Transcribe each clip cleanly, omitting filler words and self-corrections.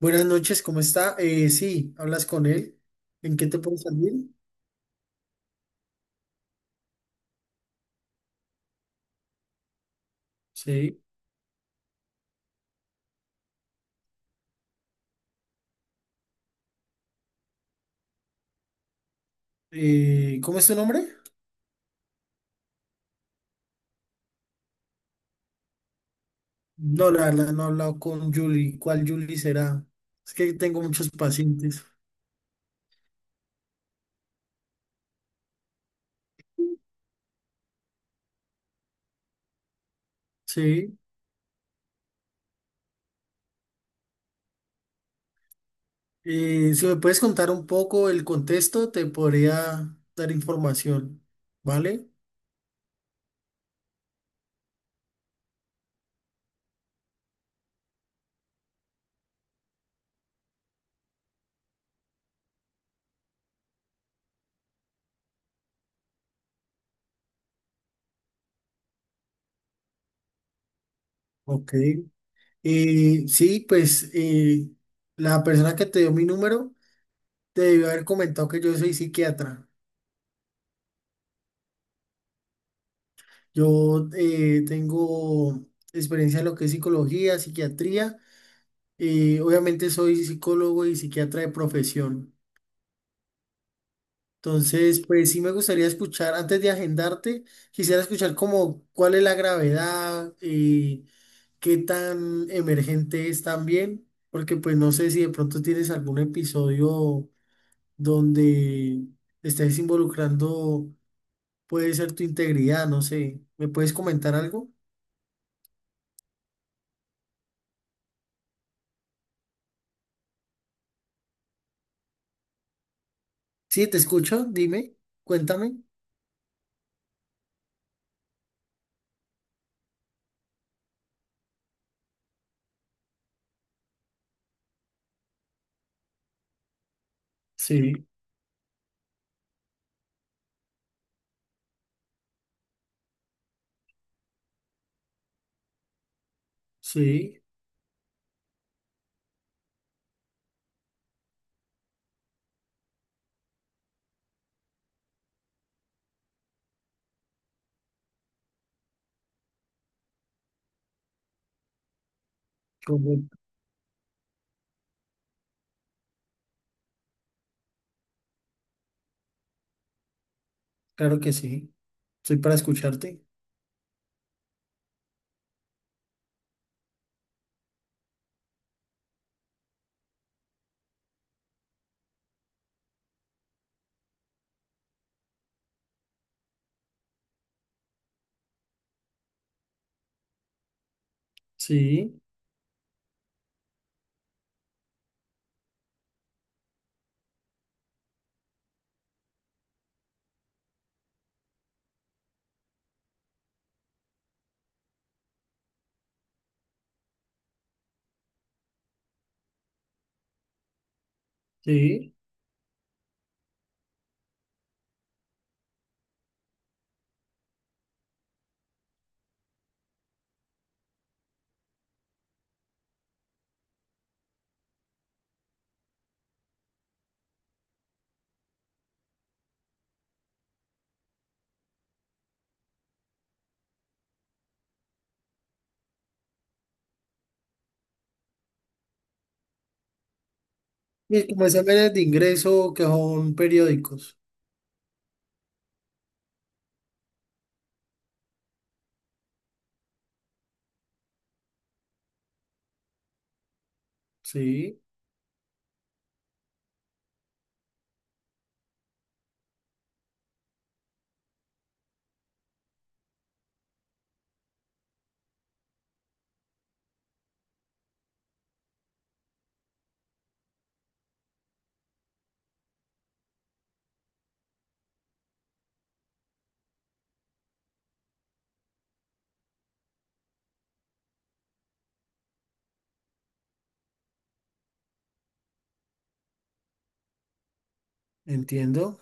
Buenas noches, ¿cómo está? Sí, hablas con él. ¿En qué te puedo servir? Sí. ¿Cómo es tu nombre? No, la verdad, no he hablado con Julie. ¿Cuál Julie será? Es que tengo muchos pacientes. Sí. Si me puedes contar un poco el contexto, te podría dar información. ¿Vale? Ok. Sí, pues la persona que te dio mi número te debió haber comentado que yo soy psiquiatra. Yo tengo experiencia en lo que es psicología, psiquiatría. Obviamente soy psicólogo y psiquiatra de profesión. Entonces, pues sí me gustaría escuchar, antes de agendarte, quisiera escuchar como cuál es la gravedad, qué tan emergente es también, porque pues no sé si de pronto tienes algún episodio donde estés involucrando, puede ser tu integridad, no sé. ¿Me puedes comentar algo? Sí, te escucho, dime, cuéntame. Sí, sí, correcto, claro que sí. Estoy para escucharte. Sí, sí. Y es como exámenes de ingreso que son periódicos. Sí, entiendo.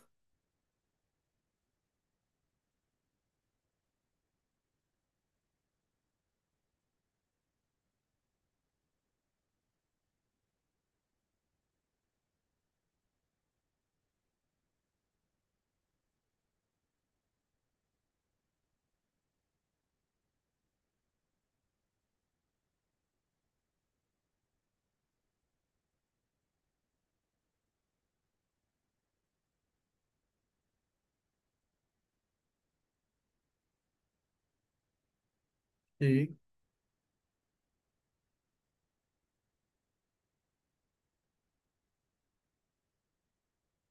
Sí,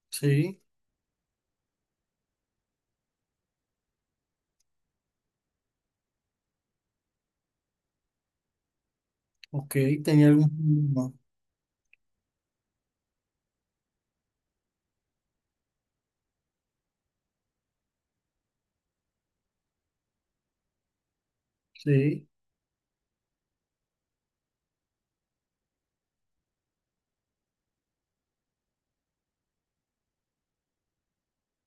sí. Ok, tenía algún problema. Sí,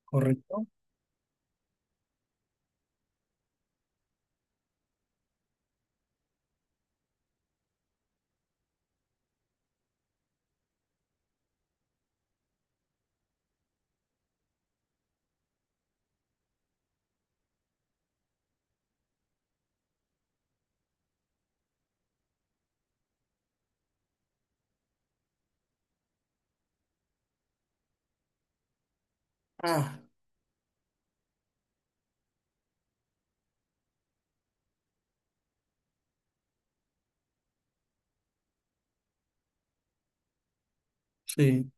correcto. Ah, sí,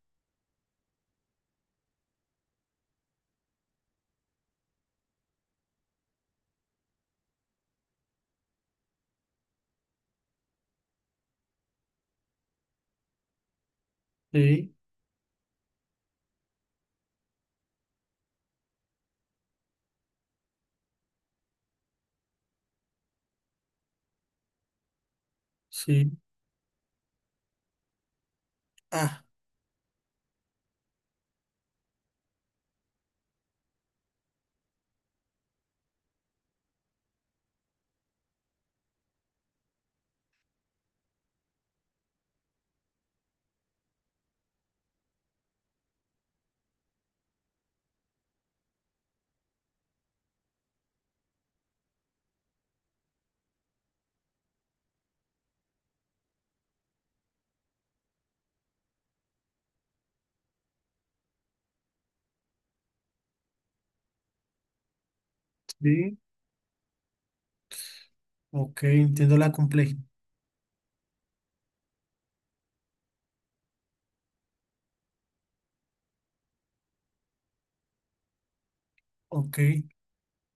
sí, sí. Ah, sí. Ok, entiendo la complejidad. Ok.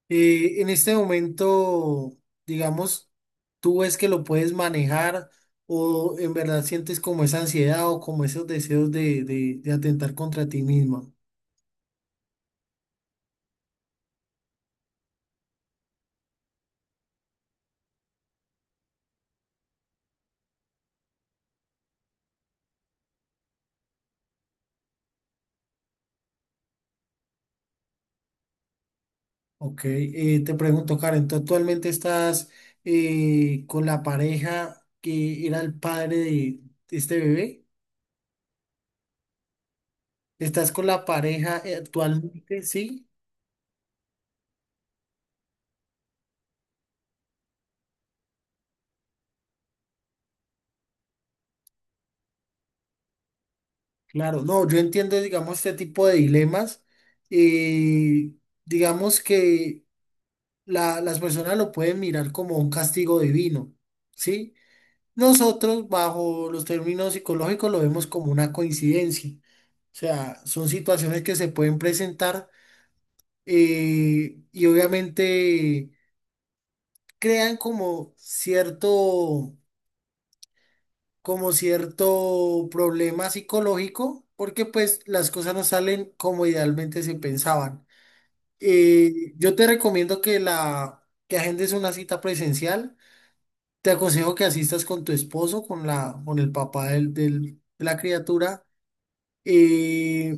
En este momento, digamos, tú ves que lo puedes manejar o en verdad sientes como esa ansiedad o como esos deseos de, de atentar contra ti misma. Ok, te pregunto, Karen, ¿tú actualmente estás con la pareja que era el padre de este bebé? ¿Estás con la pareja actualmente? Sí, claro. No, yo entiendo, digamos, este tipo de dilemas. eh, digamos que las personas lo pueden mirar como un castigo divino, ¿sí? Nosotros, bajo los términos psicológicos, lo vemos como una coincidencia. O sea, son situaciones que se pueden presentar y obviamente crean como cierto problema psicológico, porque pues las cosas no salen como idealmente se pensaban. Yo te recomiendo que la que agendes una cita presencial. Te aconsejo que asistas con tu esposo, con la, con el papá de la criatura. Eh,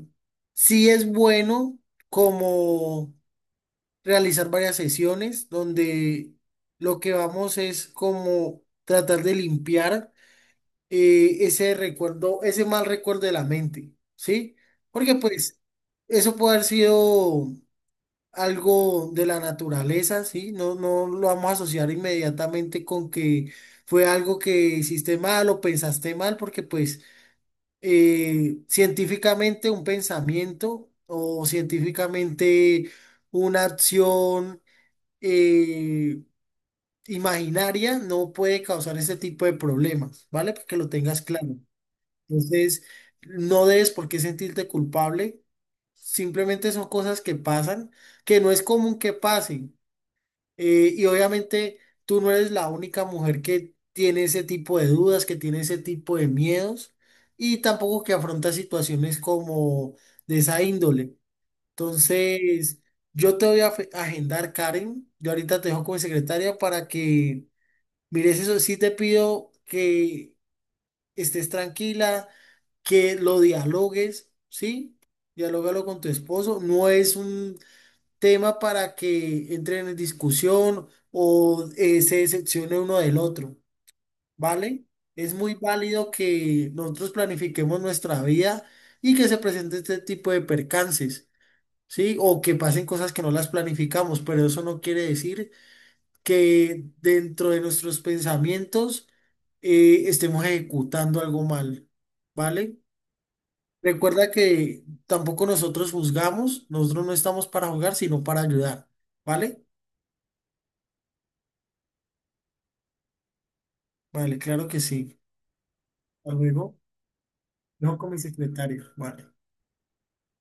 sí es bueno como realizar varias sesiones donde lo que vamos es como tratar de limpiar ese recuerdo, ese mal recuerdo de la mente, ¿sí? Porque pues eso puede haber sido algo de la naturaleza, ¿sí? No, no lo vamos a asociar inmediatamente con que fue algo que hiciste mal o pensaste mal, porque pues científicamente un pensamiento o científicamente una acción eh, imaginaria no puede causar ese tipo de problemas, ¿vale? Para que lo tengas claro. Entonces, no debes por qué sentirte culpable. Simplemente son cosas que pasan, que no es común que pasen. Y obviamente tú no eres la única mujer que tiene ese tipo de dudas, que tiene ese tipo de miedos y tampoco que afronta situaciones como de esa índole. Entonces, yo te voy a agendar, Karen. Yo ahorita te dejo como secretaria para que mires eso. Sí te pido que estés tranquila, que lo dialogues, ¿sí? Dialógalo con tu esposo. No es un tema para que entren en discusión o se decepcione uno del otro, ¿vale? Es muy válido que nosotros planifiquemos nuestra vida y que se presente este tipo de percances, ¿sí? O que pasen cosas que no las planificamos, pero eso no quiere decir que dentro de nuestros pensamientos estemos ejecutando algo mal, ¿vale? Recuerda que tampoco nosotros juzgamos, nosotros no estamos para juzgar, sino para ayudar, ¿vale? Vale, claro que sí. Hasta luego. No con mi secretario. Vale.